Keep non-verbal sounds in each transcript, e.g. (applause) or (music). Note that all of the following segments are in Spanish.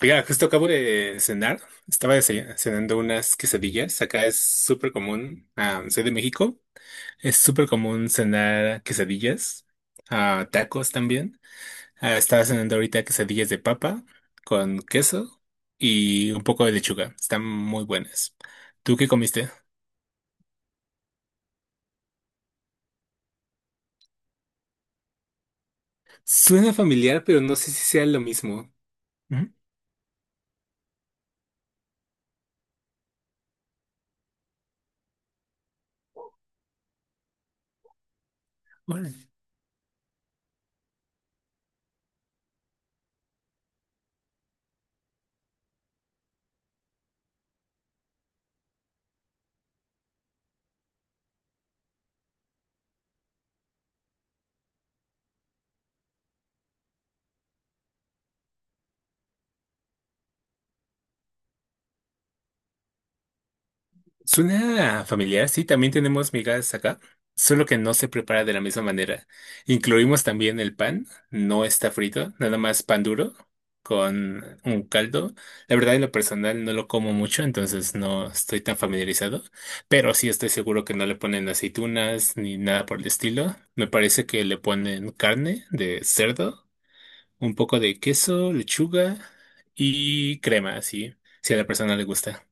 Mira, justo acabo de cenar. Estaba cenando unas quesadillas. Acá es súper común. Soy de México. Es súper común cenar quesadillas. Tacos también. Estaba cenando ahorita quesadillas de papa con queso y un poco de lechuga. Están muy buenas. ¿Tú qué comiste? Suena familiar, pero no sé si sea lo mismo. Ujú. Órale. Suena familiar, sí, también tenemos migas acá, solo que no se prepara de la misma manera. Incluimos también el pan, no está frito, nada más pan duro con un caldo. La verdad, en lo personal no lo como mucho, entonces no estoy tan familiarizado, pero sí estoy seguro que no le ponen aceitunas ni nada por el estilo. Me parece que le ponen carne de cerdo, un poco de queso, lechuga y crema, así, si a la persona le gusta.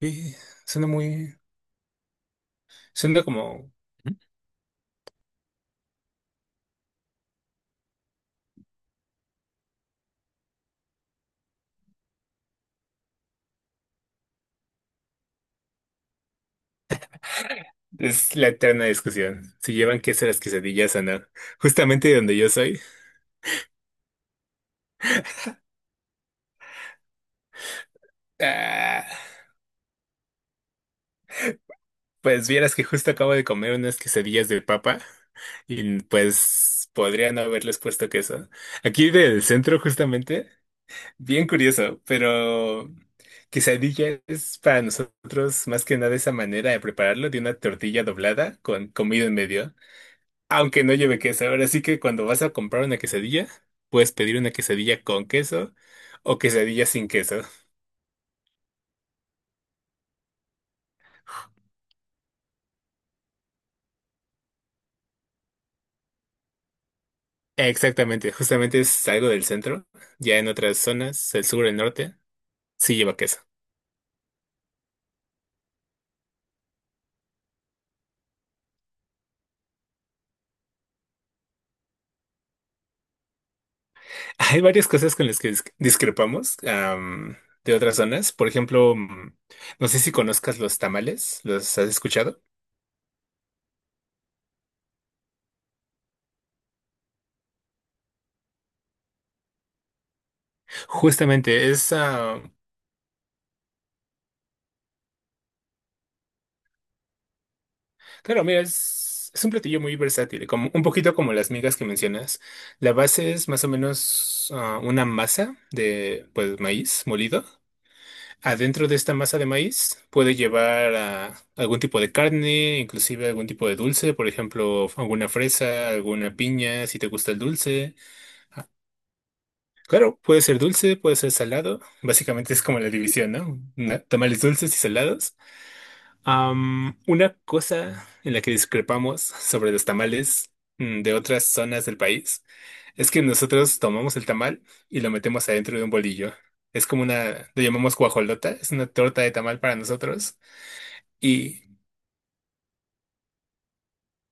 Y suena muy... Suena como... Es la eterna discusión: si llevan queso las quesadillas o no. Justamente de donde yo soy. Ah, pues vieras que justo acabo de comer unas quesadillas de papa y pues podría no haberles puesto queso. Aquí del centro justamente, bien curioso, pero quesadilla es para nosotros más que nada esa manera de prepararlo: de una tortilla doblada con comida en medio. Aunque no lleve queso. Ahora sí que cuando vas a comprar una quesadilla, puedes pedir una quesadilla con queso o quesadilla sin queso. Exactamente, justamente es algo del centro. Ya en otras zonas, el sur, el norte, sí lleva queso. (laughs) Hay varias cosas con las que discrepamos de otras zonas. Por ejemplo, no sé si conozcas los tamales, ¿los has escuchado? Justamente, es... Claro, mira, es un platillo muy versátil, como un poquito como las migas que mencionas. La base es más o menos una masa de, pues, maíz molido. Adentro de esta masa de maíz puede llevar algún tipo de carne, inclusive algún tipo de dulce, por ejemplo, alguna fresa, alguna piña, si te gusta el dulce. Claro, puede ser dulce, puede ser salado. Básicamente es como la división, ¿no? Tamales dulces y salados. Una cosa en la que discrepamos sobre los tamales de otras zonas del país es que nosotros tomamos el tamal y lo metemos adentro de un bolillo. Es como una... lo llamamos guajolota, es una torta de tamal para nosotros. Y,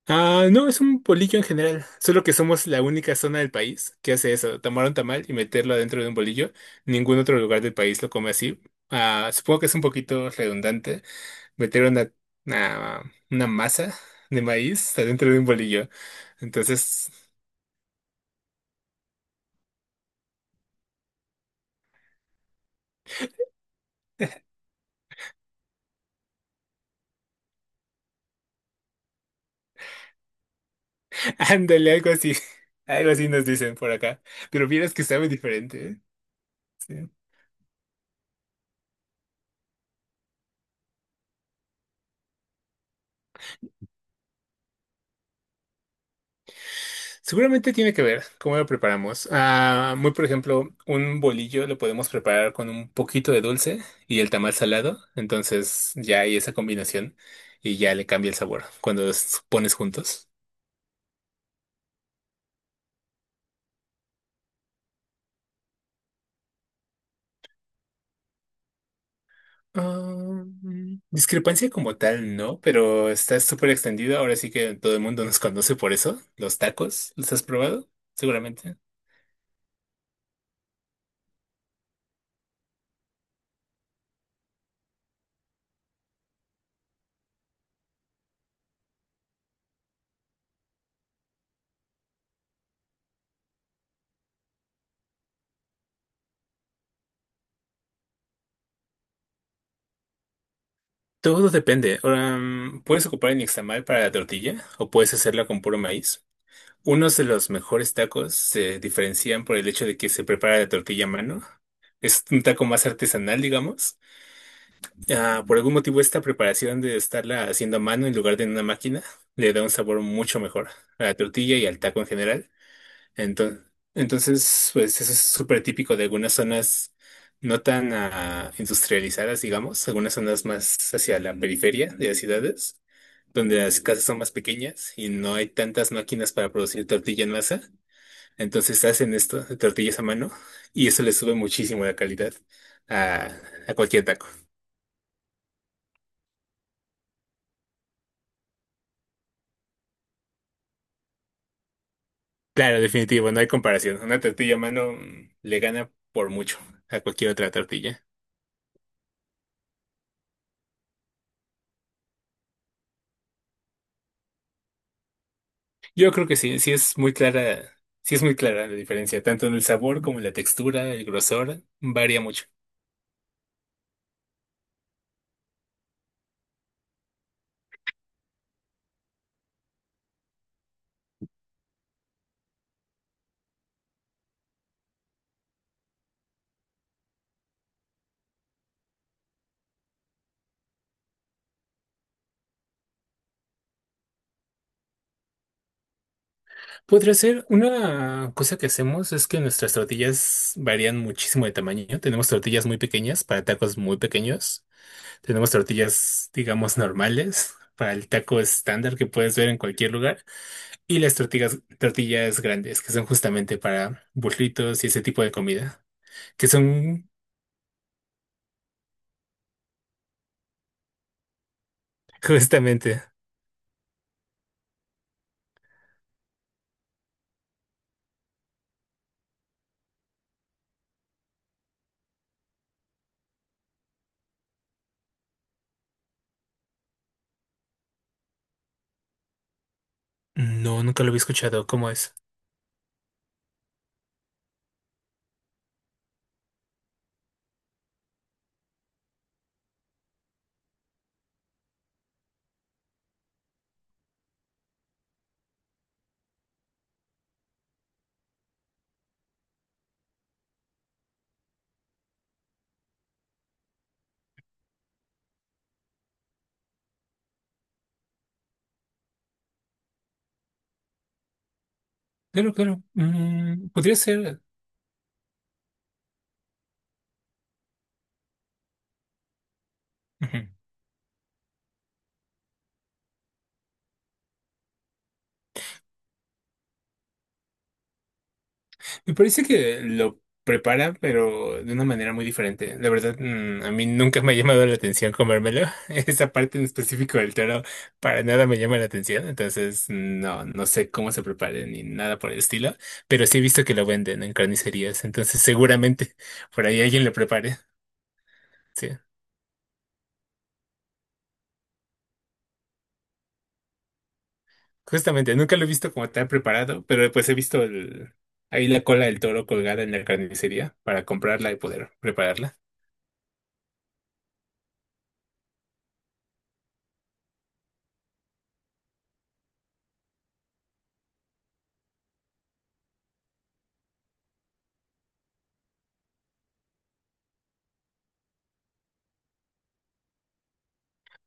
no, es un bolillo en general, solo que somos la única zona del país que hace eso: tomar un tamal y meterlo adentro de un bolillo. Ningún otro lugar del país lo come así. Ah, supongo que es un poquito redundante meter una, una masa de maíz adentro de un bolillo. Entonces, (laughs) ándale, algo así. (laughs) Algo así nos dicen por acá. Pero vieras que sabe diferente, ¿eh? Sí. Seguramente tiene que ver cómo lo preparamos. Muy por ejemplo, un bolillo lo podemos preparar con un poquito de dulce y el tamal salado. Entonces ya hay esa combinación y ya le cambia el sabor cuando los pones juntos. Ah, discrepancia como tal, no, pero está súper extendido. Ahora sí que todo el mundo nos conoce por eso. Los tacos, ¿los has probado? Seguramente. Todo depende. Ahora, puedes ocupar el nixtamal para la tortilla o puedes hacerla con puro maíz. Unos de los mejores tacos se diferencian por el hecho de que se prepara la tortilla a mano. Es un taco más artesanal, digamos. Ah, por algún motivo esta preparación de estarla haciendo a mano en lugar de en una máquina le da un sabor mucho mejor a la tortilla y al taco en general. Entonces, entonces pues eso es súper típico de algunas zonas no tan industrializadas, digamos, algunas zonas más hacia la periferia de las ciudades, donde las casas son más pequeñas y no hay tantas máquinas para producir tortilla en masa. Entonces hacen esto, tortillas a mano, y eso le sube muchísimo la calidad a, a cualquier taco. Claro, definitivo, no hay comparación. Una tortilla a mano le gana por mucho a cualquier otra tortilla. Yo creo que sí, sí es muy clara, sí es muy clara la diferencia, tanto en el sabor como en la textura; el grosor varía mucho. Podría ser. Una cosa que hacemos es que nuestras tortillas varían muchísimo de tamaño. Tenemos tortillas muy pequeñas para tacos muy pequeños. Tenemos tortillas, digamos, normales para el taco estándar que puedes ver en cualquier lugar. Y las tortillas, tortillas grandes, que son justamente para burritos y ese tipo de comida, que son (laughs) justamente... No, nunca lo había escuchado. ¿Cómo es? Claro, claro. Podría ser... Ujú. Me parece que lo prepara, pero de una manera muy diferente. La verdad, a mí nunca me ha llamado la atención comérmelo. (laughs) Esa parte en específico del toro para nada me llama la atención. Entonces, no, no sé cómo se prepare ni nada por el estilo. Pero sí he visto que lo venden en carnicerías. Entonces, seguramente por ahí alguien lo prepare. Sí, justamente, nunca lo he visto como tal preparado, pero pues he visto ahí la cola del toro colgada en la carnicería para comprarla y poder prepararla.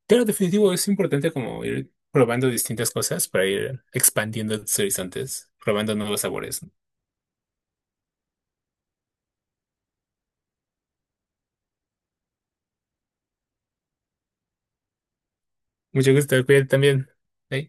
Pero definitivo es importante como ir probando distintas cosas para ir expandiendo tus horizontes, probando nuevos sabores. Mucho gusto, cuídate también. Bye.